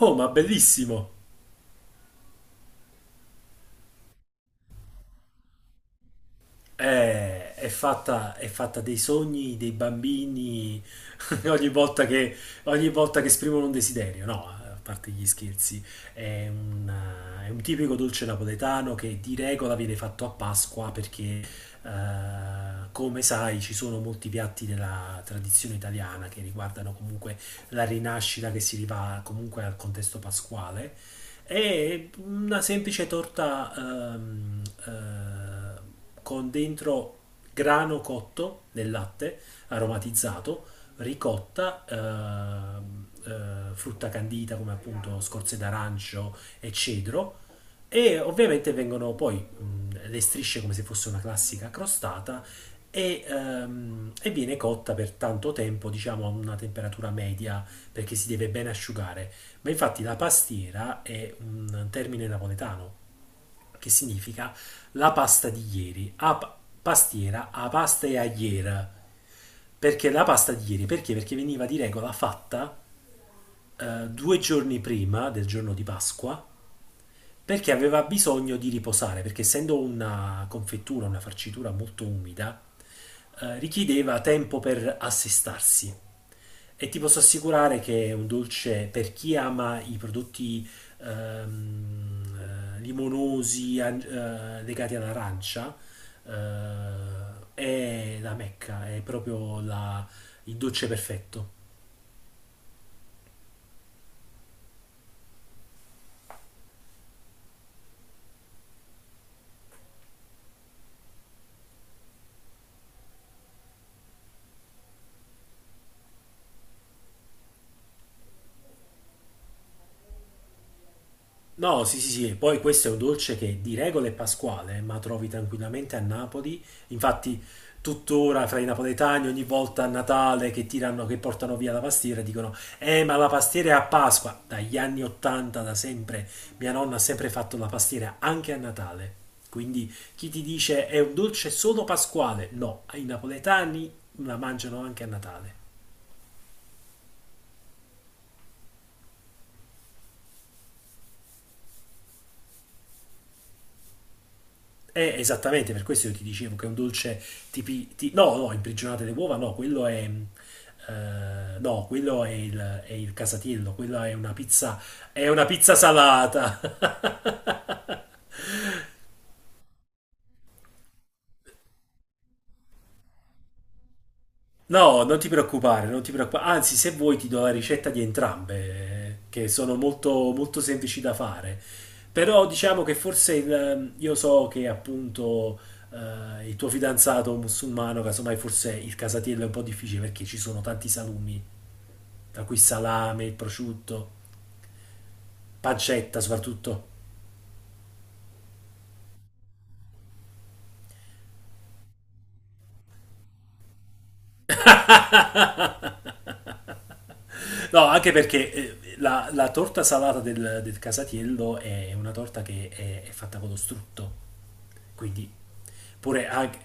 Oh, ma bellissimo! È fatta dei sogni dei bambini ogni volta che, ogni volta che esprimono un desiderio, no? A parte gli scherzi, è un, è un tipico dolce napoletano che di regola viene fatto a Pasqua perché, come sai, ci sono molti piatti della tradizione italiana che riguardano comunque la rinascita che si riva comunque al contesto pasquale. È una semplice torta con dentro grano cotto nel latte aromatizzato, ricotta, frutta candita come appunto scorze d'arancio e cedro. E ovviamente vengono poi le strisce come se fosse una classica crostata e viene cotta per tanto tempo, diciamo a una temperatura media perché si deve ben asciugare. Ma infatti la pastiera è un termine napoletano che significa la pasta di ieri, pastiera, a pasta e a iera. Perché la pasta di ieri? Perché? Perché veniva di regola fatta 2 giorni prima del giorno di Pasqua, perché aveva bisogno di riposare, perché essendo una confettura, una farcitura molto umida, richiedeva tempo per assestarsi. E ti posso assicurare che è un dolce per chi ama i prodotti limonosi legati all'arancia, eh, è la Mecca, è proprio il dolce perfetto. No, sì, sì, sì, e poi questo è un dolce che di regola è pasquale, ma trovi tranquillamente a Napoli. Infatti, tuttora fra i napoletani, ogni volta a Natale che tirano, che portano via la pastiera, dicono: ma la pastiera è a Pasqua. Dagli anni 80, da sempre, mia nonna ha sempre fatto la pastiera anche a Natale. Quindi chi ti dice è un dolce solo pasquale? No, i napoletani la mangiano anche a Natale. Esattamente, per questo io ti dicevo che è un dolce No, no, imprigionate le uova, no, quello è, no, quello è il casatiello, quella è una pizza. È una pizza salata! No, non ti preoccupare, non ti preoccupare. Anzi, se vuoi ti do la ricetta di entrambe, che sono molto, molto semplici da fare. Però diciamo che forse io so che appunto il tuo fidanzato musulmano, casomai forse il casatiello è un po' difficile perché ci sono tanti salumi tra cui salame, prosciutto, pancetta soprattutto. No, anche perché la torta salata del Casatiello è una torta che è fatta con lo strutto. Quindi, pure anche-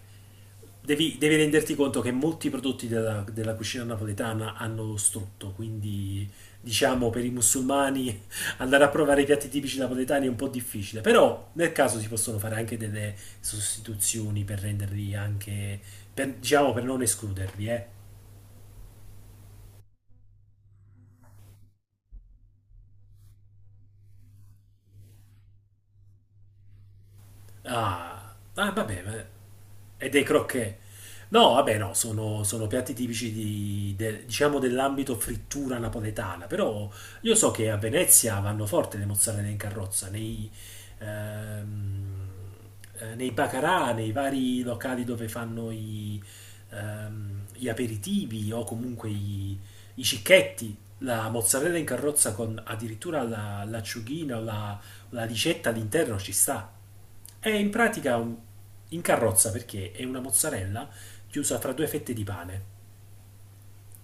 devi renderti conto che molti prodotti della cucina napoletana hanno lo strutto. Quindi, diciamo, per i musulmani andare a provare i piatti tipici napoletani è un po' difficile. Però, nel caso, si possono fare anche delle sostituzioni per renderli anche, diciamo, per non escluderli, eh. Ah, ah, vabbè, vabbè. E dei crocchè. No, vabbè, no, sono piatti tipici diciamo dell'ambito frittura napoletana, però io so che a Venezia vanno forte le mozzarelle in carrozza, ehm, nei baccarà, nei vari locali dove fanno gli aperitivi o comunque i cicchetti, la mozzarella in carrozza con addirittura l'acciughina o la ricetta all'interno ci sta. È in pratica in carrozza perché è una mozzarella chiusa tra 2 fette di pane.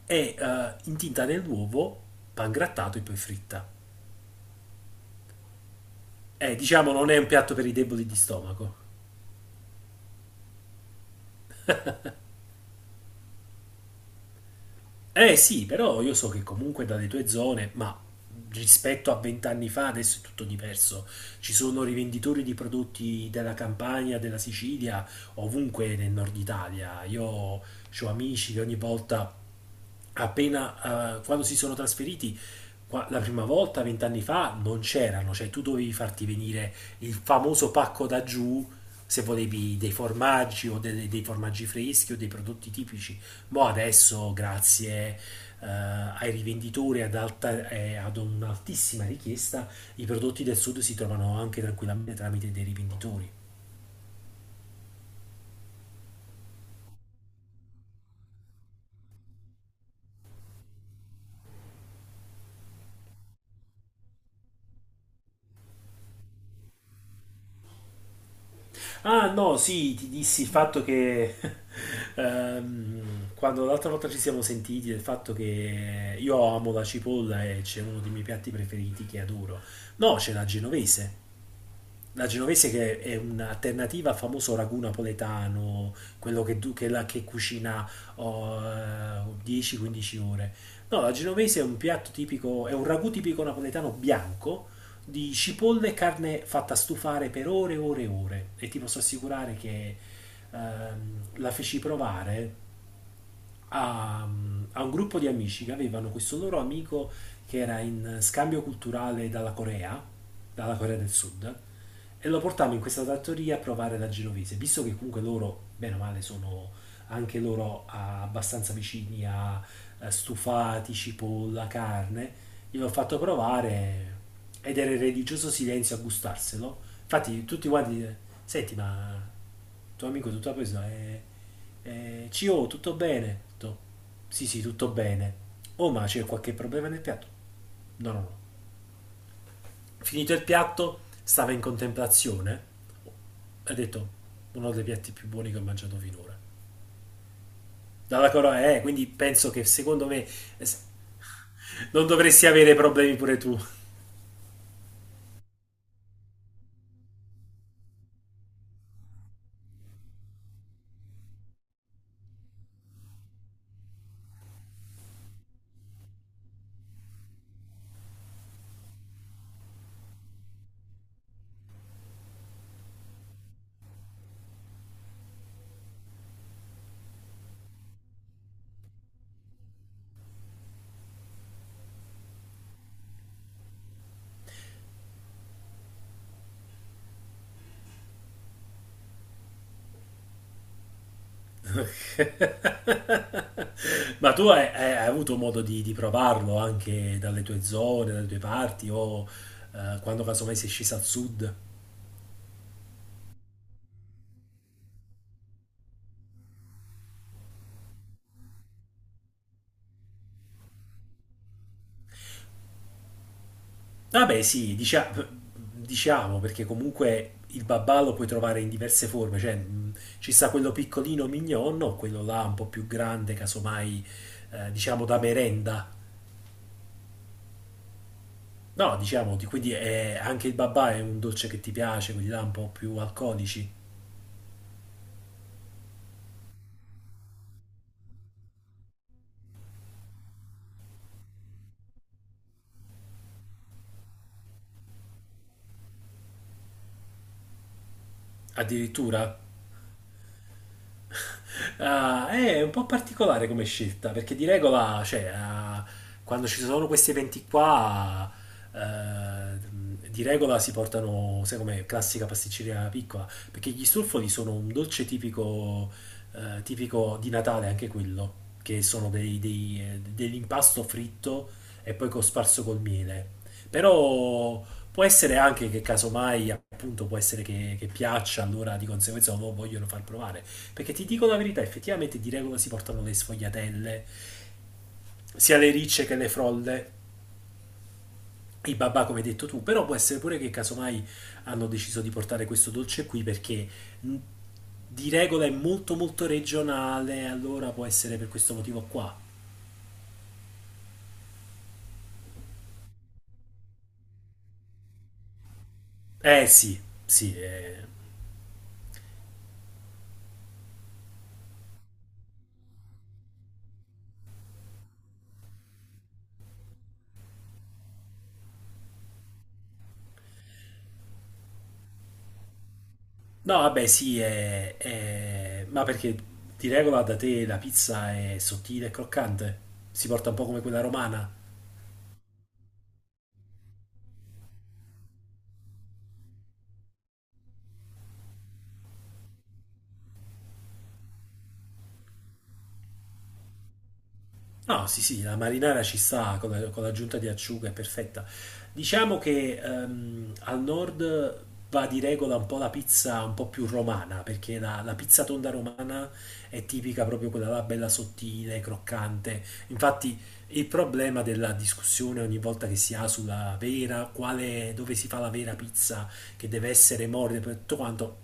È intinta nell'uovo, pan grattato e poi fritta. Diciamo non è un piatto per i deboli di stomaco. Eh sì, però io so che comunque dalle tue zone, ma rispetto a 20 anni fa adesso è tutto diverso. Ci sono rivenditori di prodotti della Campania, della Sicilia, ovunque nel nord Italia. Io ho amici che ogni volta appena quando si sono trasferiti la prima volta, 20 anni fa, non c'erano, cioè tu dovevi farti venire il famoso pacco da giù se volevi dei formaggi o dei formaggi freschi o dei prodotti tipici. Mo adesso, grazie ai rivenditori ad un'altissima richiesta, i prodotti del sud si trovano anche tranquillamente tramite dei rivenditori. Ah no, sì, ti dissi il fatto che quando l'altra volta ci siamo sentiti del fatto che io amo la cipolla e c'è uno dei miei piatti preferiti che adoro. No, c'è la genovese che è un'alternativa al famoso ragù napoletano, quello che, che cucina oh, 10-15 ore. No, la genovese è un piatto tipico, è un ragù tipico napoletano bianco di cipolle e carne fatta stufare per ore e ore e ore. E ti posso assicurare che ehm, la feci provare a, a un gruppo di amici che avevano questo loro amico che era in scambio culturale dalla Corea del Sud, e lo portammo in questa trattoria a provare la genovese, visto che comunque loro, bene o male, sono anche loro abbastanza vicini a stufati, cipolla, carne, gliel'ho fatto provare ed era il religioso silenzio a gustarselo. Infatti tutti quanti, senti ma tuo amico tutta preso è CO, tutto bene? Ho detto, sì, sì, tutto bene. Oh, ma c'è qualche problema nel piatto? No, no, no. Finito il piatto, stava in contemplazione. Ha detto, uno dei piatti più buoni che ho mangiato finora. Dalla Corea, quindi penso che secondo me eh, s- non dovresti avere problemi pure tu. Ma tu hai, hai avuto modo di provarlo anche dalle tue zone, dalle tue parti o quando casomai sei scesa al sud? Vabbè, sì, diciamo, perché comunque il babà lo puoi trovare in diverse forme, cioè ci sta quello piccolino mignon o quello là un po' più grande, casomai, diciamo da merenda. No, diciamo, quindi anche il babà è un dolce che ti piace, quelli là un po' più alcolici, addirittura. Ah, è un po' particolare come scelta, perché di regola, cioè, quando ci sono questi eventi qua, di regola si portano, sai come classica pasticceria piccola, perché gli stolfoli sono un dolce tipico, tipico di Natale, anche quello, che sono dell'impasto fritto e poi cosparso col miele. Però può essere anche che casomai, appunto, può essere che piaccia, allora di conseguenza lo vogliono far provare. Perché ti dico la verità, effettivamente di regola si portano le sfogliatelle, sia le ricce che le frolle, i babà come hai detto tu, però può essere pure che casomai hanno deciso di portare questo dolce qui perché mh, di regola è molto molto regionale, allora può essere per questo motivo qua. Eh sì, sì. Eh. No, vabbè sì, ma perché di regola da te la pizza è sottile e croccante? Si porta un po' come quella romana? No, sì, sì, la marinara ci sta con con l'aggiunta di acciuga, è perfetta. Diciamo che al nord va di regola un po' la pizza un po' più romana, perché la pizza tonda romana è tipica proprio quella là bella sottile, croccante. Infatti il problema della discussione ogni volta che si ha sulla vera, quale, dove si fa la vera pizza, che deve essere morbida per tutto quanto,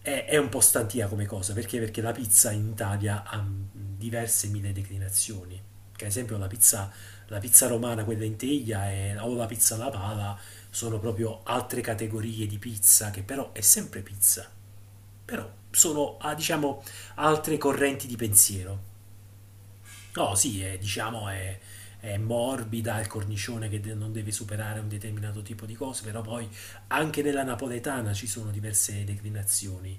è un po' stantia come cosa, perché? Perché la pizza in Italia ha diverse mille declinazioni. Che ad esempio la pizza romana, quella in teglia, o la pizza alla pala, sono proprio altre categorie di pizza che però è sempre pizza. Però sono, diciamo, altre correnti di pensiero. No, sì, è, diciamo, è morbida, è il cornicione che non deve superare un determinato tipo di cose, però poi anche nella napoletana ci sono diverse declinazioni.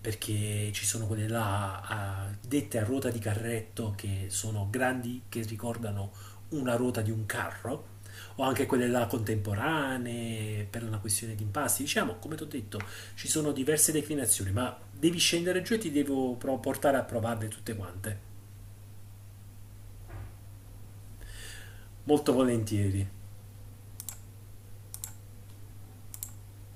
Perché ci sono quelle là dette a ruota di carretto che sono grandi, che ricordano una ruota di un carro, o anche quelle là contemporanee per una questione di impasti. Diciamo, come ti ho detto, ci sono diverse declinazioni, ma devi scendere giù e ti devo portare a provarle tutte quante. Molto volentieri.